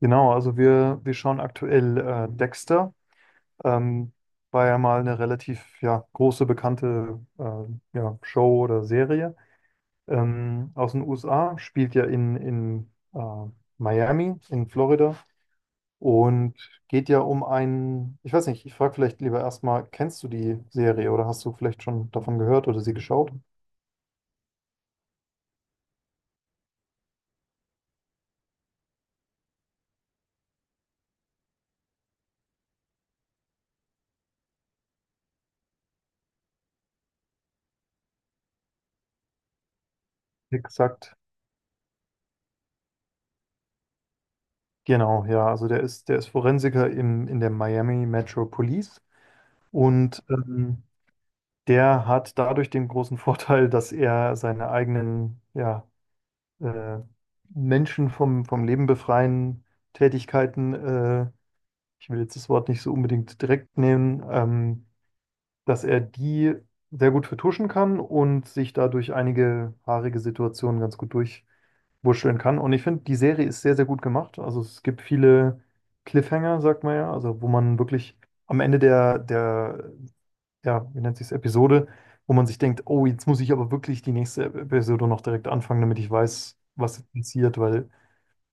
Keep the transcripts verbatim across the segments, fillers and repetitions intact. Genau, also wir, wir schauen aktuell äh, Dexter. Ähm, War ja mal eine relativ ja, große, bekannte äh, ja, Show oder Serie ähm, aus den U S A. Spielt ja in, in äh, Miami, in Florida. Und geht ja um einen, ich weiß nicht, ich frage vielleicht lieber erstmal, kennst du die Serie oder hast du vielleicht schon davon gehört oder sie geschaut? Exakt. Genau, ja. Also der ist, der ist Forensiker im, in der Miami Metro Police. Und ähm, der hat dadurch den großen Vorteil, dass er seine eigenen, ja, äh, Menschen vom, vom Leben befreien Tätigkeiten, äh, ich will jetzt das Wort nicht so unbedingt direkt nehmen, ähm, dass er die sehr gut vertuschen kann und sich dadurch einige haarige Situationen ganz gut durchwurschteln kann. Und ich finde, die Serie ist sehr, sehr gut gemacht. Also es gibt viele Cliffhanger, sagt man ja, also wo man wirklich am Ende der, der ja, wie nennt sich's, Episode, wo man sich denkt, oh, jetzt muss ich aber wirklich die nächste Episode noch direkt anfangen, damit ich weiß, was jetzt passiert, weil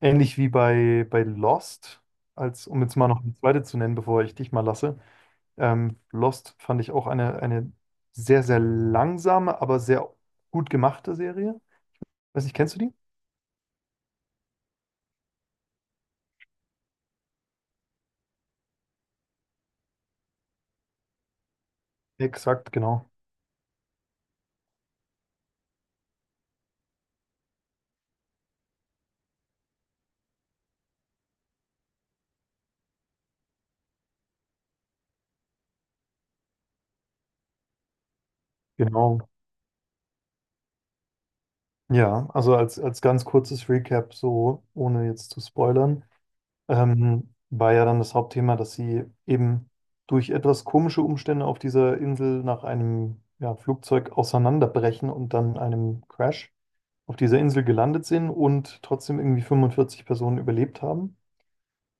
ähnlich wie bei, bei Lost, als, um jetzt mal noch eine zweite zu nennen, bevor ich dich mal lasse, ähm, Lost fand ich auch eine, eine sehr, sehr langsame, aber sehr gut gemachte Serie. Weiß nicht, kennst du die? Exakt, genau. Genau. Ja, also als, als ganz kurzes Recap, so ohne jetzt zu spoilern. Ähm, war ja dann das Hauptthema, dass sie eben durch etwas komische Umstände auf dieser Insel nach einem ja, Flugzeug auseinanderbrechen und dann einem Crash auf dieser Insel gelandet sind und trotzdem irgendwie fünfundvierzig Personen überlebt haben.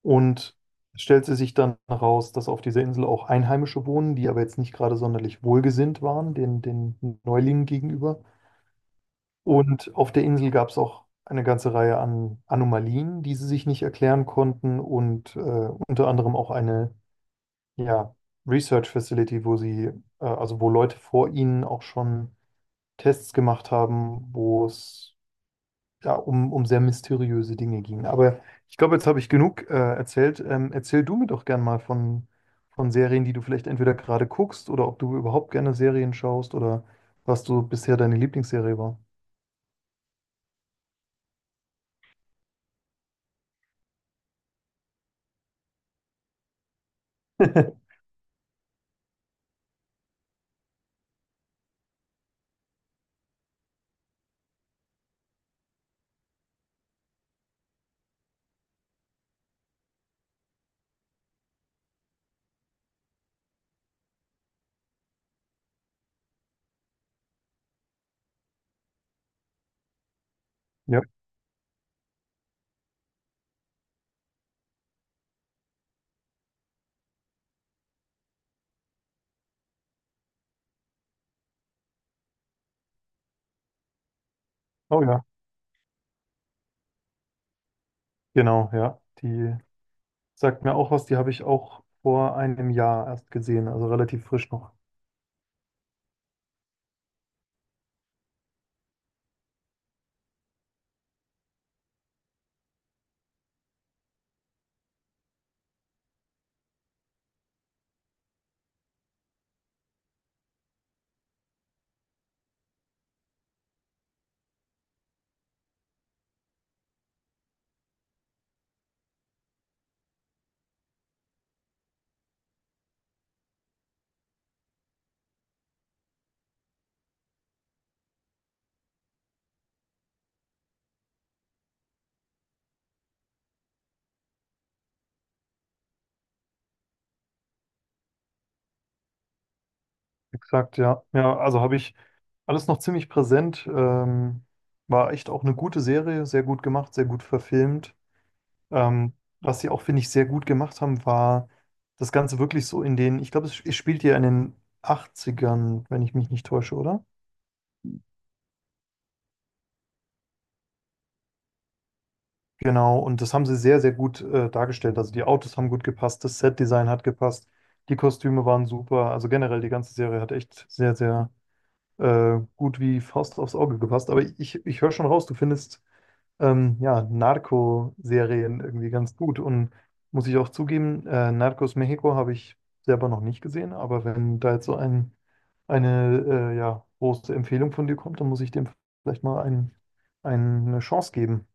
Und es stellte sich dann heraus, dass auf dieser Insel auch Einheimische wohnen, die aber jetzt nicht gerade sonderlich wohlgesinnt waren, den, den Neulingen gegenüber. Und auf der Insel gab es auch eine ganze Reihe an Anomalien, die sie sich nicht erklären konnten und äh, unter anderem auch eine ja, Research Facility, wo sie, äh, also wo Leute vor ihnen auch schon Tests gemacht haben, wo es ja, um, um sehr mysteriöse Dinge ging. Aber ich glaube, jetzt habe ich genug äh, erzählt. Ähm, erzähl du mir doch gern mal von, von Serien, die du vielleicht entweder gerade guckst oder ob du überhaupt gerne Serien schaust oder was du bisher deine Lieblingsserie war. Ja. Oh ja. Genau, ja. Die sagt mir auch was, die habe ich auch vor einem Jahr erst gesehen, also relativ frisch noch. Exakt, ja. Ja, also habe ich alles noch ziemlich präsent. Ähm, war echt auch eine gute Serie, sehr gut gemacht, sehr gut verfilmt. Ähm, Was sie auch, finde ich, sehr gut gemacht haben, war das Ganze wirklich so in den, ich glaube, es, es spielt ja in den Achtzigern, wenn ich mich nicht täusche, oder? Genau, und das haben sie sehr, sehr gut äh, dargestellt. Also die Autos haben gut gepasst, das Set-Design hat gepasst, die Kostüme waren super. Also generell die ganze Serie hat echt sehr, sehr äh, gut wie Faust aufs Auge gepasst. Aber ich, ich höre schon raus, du findest ähm, ja, Narco-Serien irgendwie ganz gut. Und muss ich auch zugeben, äh, Narcos Mexico habe ich selber noch nicht gesehen, aber wenn da jetzt so ein, eine äh, ja, große Empfehlung von dir kommt, dann muss ich dem vielleicht mal ein, eine Chance geben.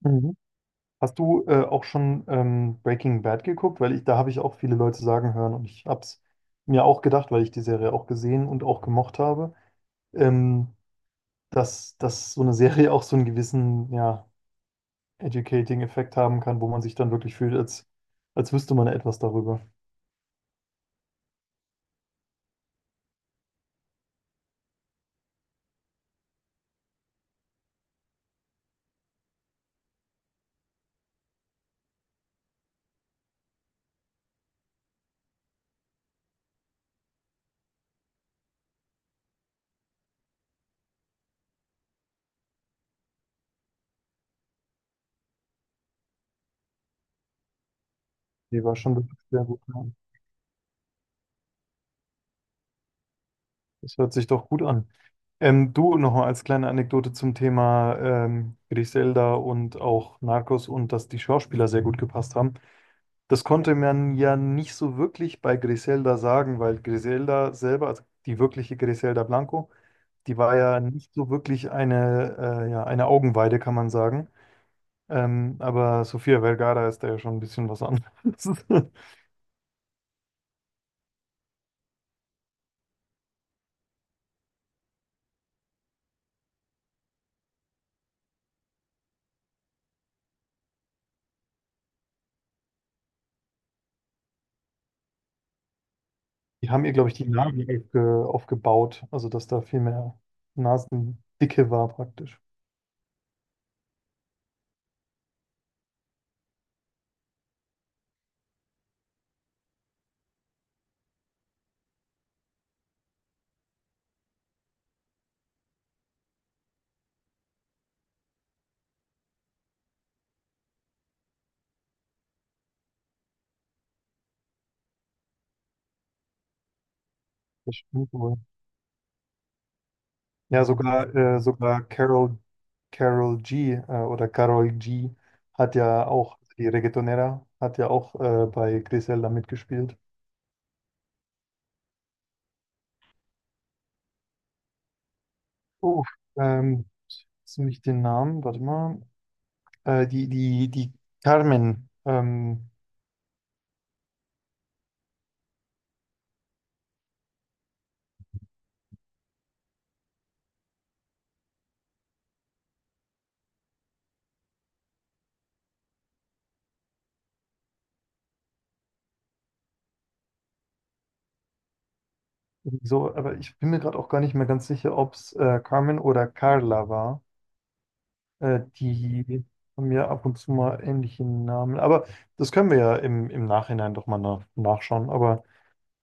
Mhm. Hast du äh, auch schon ähm, Breaking Bad geguckt? Weil ich, da habe ich auch viele Leute sagen hören und ich habe es mir auch gedacht, weil ich die Serie auch gesehen und auch gemocht habe, ähm, dass, dass so eine Serie auch so einen gewissen, ja, Educating-Effekt haben kann, wo man sich dann wirklich fühlt, als, als wüsste man etwas darüber. Die war schon wirklich sehr gut. Ja. Das hört sich doch gut an. Ähm, du nochmal als kleine Anekdote zum Thema ähm, Griselda und auch Narcos und dass die Schauspieler sehr gut gepasst haben. Das konnte man ja nicht so wirklich bei Griselda sagen, weil Griselda selber, also die wirkliche Griselda Blanco, die war ja nicht so wirklich eine, äh, ja, eine Augenweide, kann man sagen. Ähm, aber Sofia Vergara ist da ja schon ein bisschen was anderes. Die haben ihr, glaube ich, die Nasen aufge aufgebaut, also dass da viel mehr Nasendicke war praktisch. Das stimmt wohl. Ja, sogar, äh, sogar Carol, Carol G äh, oder Carol G hat ja auch, die Reggaetonera, hat ja auch äh, bei Griselda mitgespielt. Oh, ähm, jetzt nehme ich den Namen, warte mal. Äh, die, die, die Carmen, ähm, so, aber ich bin mir gerade auch gar nicht mehr ganz sicher, ob es äh, Carmen oder Carla war. Äh, die haben ja ab und zu mal ähnliche Namen. Aber das können wir ja im, im Nachhinein doch mal nach, nachschauen. Aber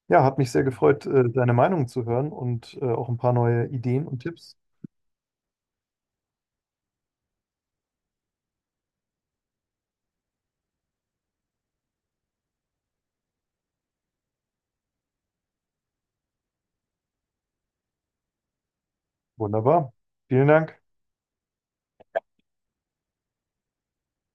ja, hat mich sehr gefreut, äh, deine Meinung zu hören und äh, auch ein paar neue Ideen und Tipps. Wunderbar. Vielen Dank.